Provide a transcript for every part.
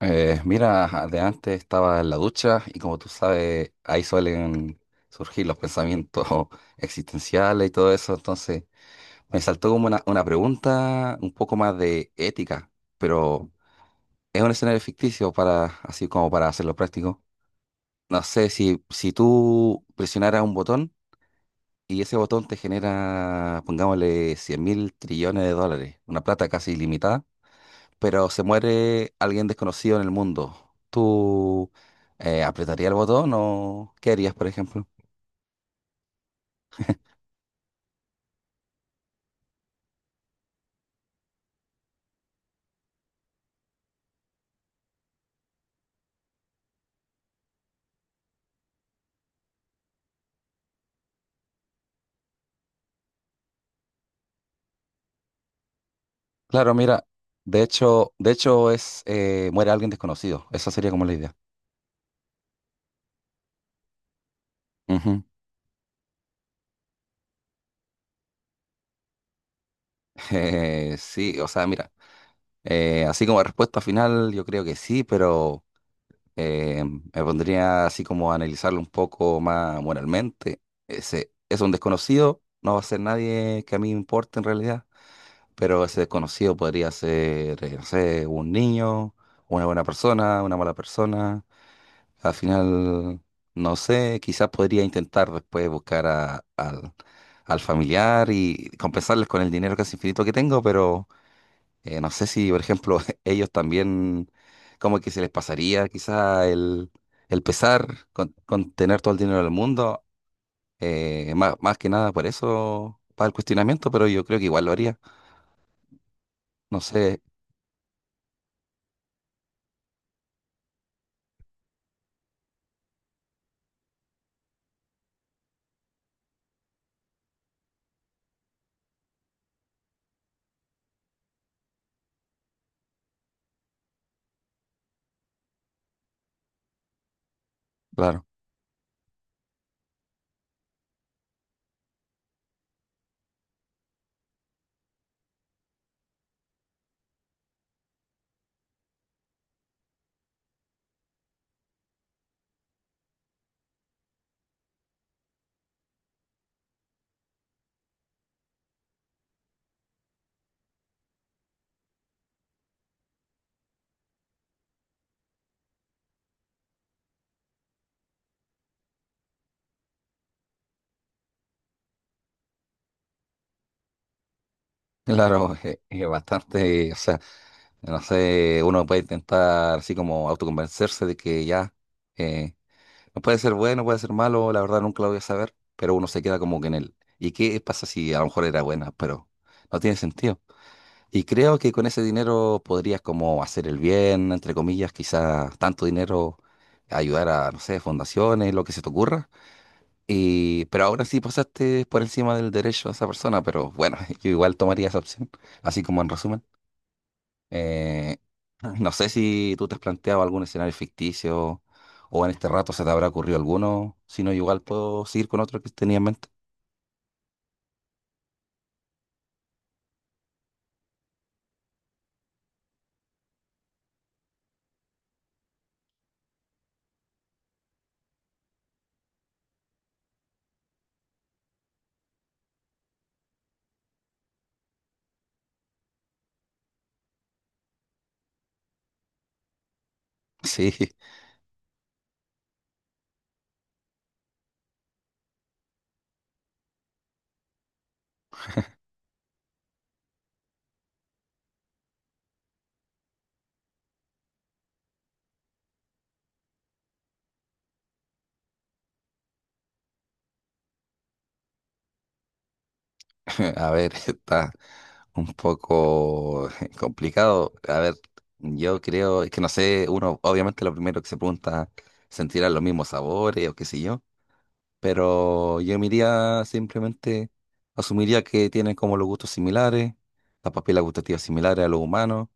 Mira, ajá, de antes estaba en la ducha y como tú sabes, ahí suelen surgir los pensamientos existenciales y todo eso, entonces me saltó como una pregunta un poco más de ética, pero es un escenario ficticio para, así como para hacerlo práctico. No sé, si tú presionaras un botón y ese botón te genera, pongámosle, 100.000 trillones de dólares, una plata casi ilimitada, pero se muere alguien desconocido en el mundo. ¿Tú apretarías el botón o qué harías, por ejemplo? Claro, mira, de hecho es muere alguien desconocido. Esa sería como la idea. Ujú. Sí, o sea, mira, así como respuesta final, yo creo que sí, pero me pondría así como a analizarlo un poco más moralmente. Ese es un desconocido, no va a ser nadie que a mí me importe en realidad. Pero ese desconocido podría ser, no sé, un niño, una buena persona, una mala persona. Al final, no sé, quizás podría intentar después buscar al al familiar y compensarles con el dinero casi infinito que tengo, pero no sé si, por ejemplo, ellos también, como que se les pasaría quizás el pesar con tener todo el dinero del mundo. Más más que nada por eso para el cuestionamiento, pero yo creo que igual lo haría. No sé, claro. Claro, es, bastante, o sea, no sé, uno puede intentar así como autoconvencerse de que ya, eh, no puede ser bueno, puede ser malo, la verdad nunca lo voy a saber, pero uno se queda como que en él. ¿Y qué pasa si a lo mejor era buena, pero no tiene sentido? Y creo que con ese dinero podrías como hacer el bien, entre comillas, quizás tanto dinero, ayudar a, no sé, fundaciones, lo que se te ocurra. Y, pero ahora sí pasaste por encima del derecho de esa persona, pero bueno, yo igual tomaría esa opción, así como en resumen. Eh, no sé si tú te has planteado algún escenario ficticio o en este rato se te habrá ocurrido alguno. Si no, igual puedo seguir con otro que tenía en mente. Sí, a ver, está un poco complicado. A ver, yo creo, es que no sé, uno obviamente lo primero que se pregunta, ¿sentirán los mismos sabores o qué sé yo? Pero yo me iría simplemente, asumiría que tienen como los gustos similares, las papilas gustativas similares a los humanos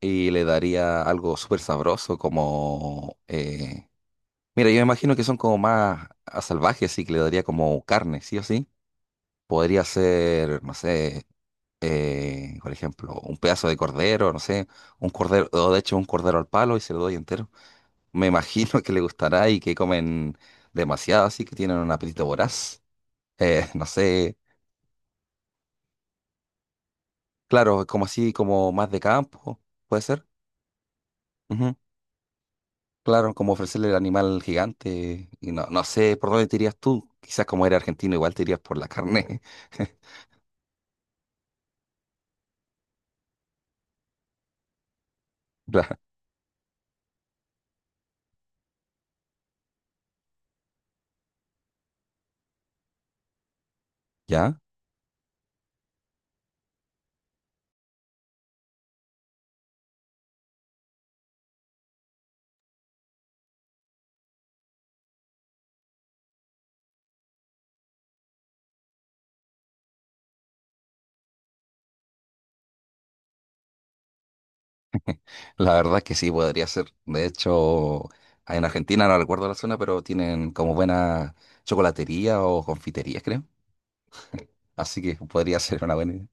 y le daría algo súper sabroso como... mira, yo me imagino que son como más a salvajes, así que le daría como carne, sí o sí. Podría ser, no sé, por ejemplo, un pedazo de cordero, no sé, un cordero, o de hecho un cordero al palo y se lo doy entero. Me imagino que le gustará y que comen demasiado, así que tienen un apetito voraz. No sé, claro, como así, como más de campo, puede ser. Claro, como ofrecerle el animal gigante. Y no, no sé por dónde te irías tú. Quizás como era argentino, igual te irías por la carne. La- ¿ya? La verdad es que sí, podría ser. De hecho, en Argentina, no recuerdo la zona, pero tienen como buena chocolatería o confitería, creo. Así que podría ser una buena idea.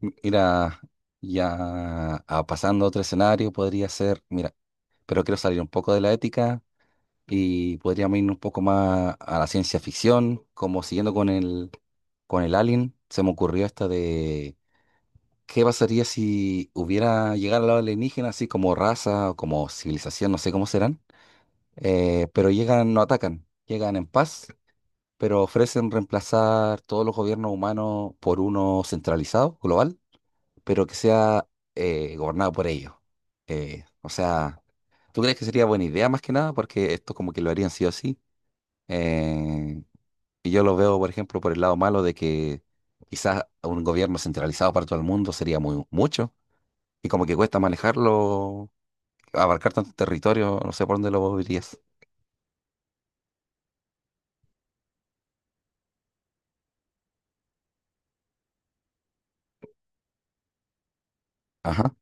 Mira, ya a- pasando a otro escenario, podría ser, mira, pero quiero salir un poco de la ética. Y podríamos irnos un poco más a la ciencia ficción, como siguiendo con el Alien, se me ocurrió esta de qué pasaría si hubiera llegado al lado alienígena así como raza o como civilización, no sé cómo serán, pero llegan, no atacan, llegan en paz, pero ofrecen reemplazar todos los gobiernos humanos por uno centralizado, global, pero que sea gobernado por ellos. O sea, ¿tú crees que sería buena idea más que nada? Porque esto como que lo harían sí o sí. Eh, y yo lo veo, por ejemplo, por el lado malo de que quizás un gobierno centralizado para todo el mundo sería muy mucho y como que cuesta manejarlo, abarcar tanto territorio, no sé por dónde lo dirías. Ajá.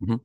Ujú.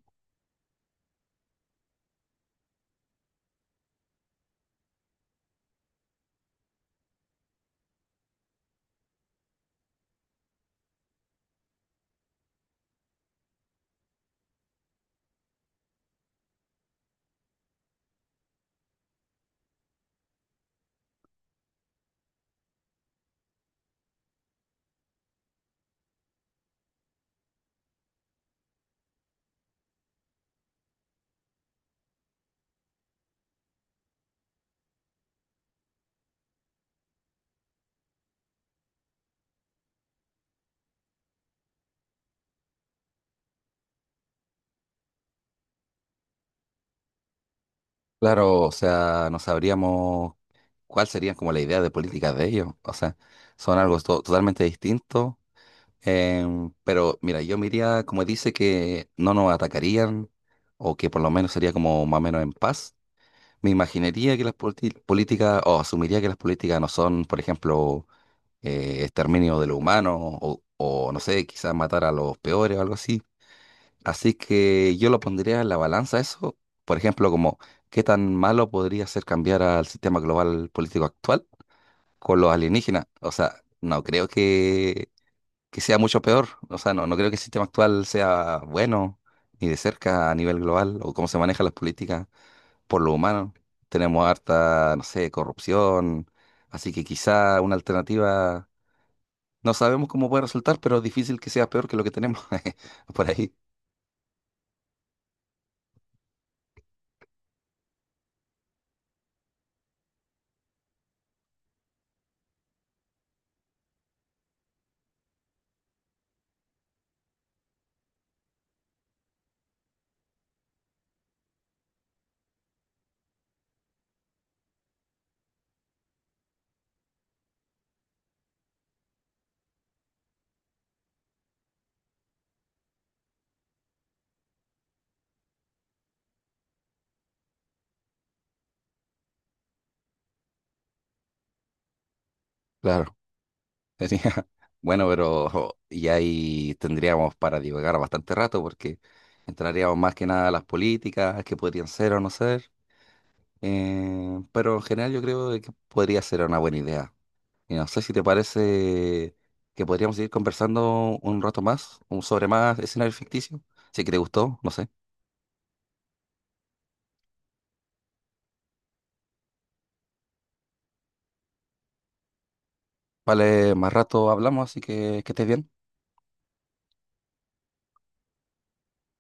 Claro, o sea, no sabríamos cuál sería como la idea de políticas de ellos. O sea, son algo totalmente distinto. Pero mira, yo miraría como dice que no nos atacarían o que por lo menos sería como más o menos en paz. Me imaginaría que las políticas, o asumiría que las políticas no son, por ejemplo, exterminio de los humanos, o no sé, quizás matar a los peores o algo así. Así que yo lo pondría en la balanza eso, por ejemplo, como qué tan malo podría ser cambiar al sistema global político actual con los alienígenas. O sea, no creo que sea mucho peor. O sea, no, no creo que el sistema actual sea bueno, ni de cerca a nivel global, o cómo se manejan las políticas por lo humano. Tenemos harta, no sé, corrupción, así que quizá una alternativa, no sabemos cómo puede resultar, pero es difícil que sea peor que lo que tenemos por ahí. Claro. Sería- Bueno, pero jo, y ahí tendríamos para divagar bastante rato porque entraríamos más que nada a las políticas, que podrían ser o no ser, pero en general yo creo de que podría ser una buena idea. Y no sé si te parece que podríamos seguir conversando un rato más, un sobre más escenarios ficticios. Si que te gustó, no sé. Vale, más rato hablamos, así que estés bien.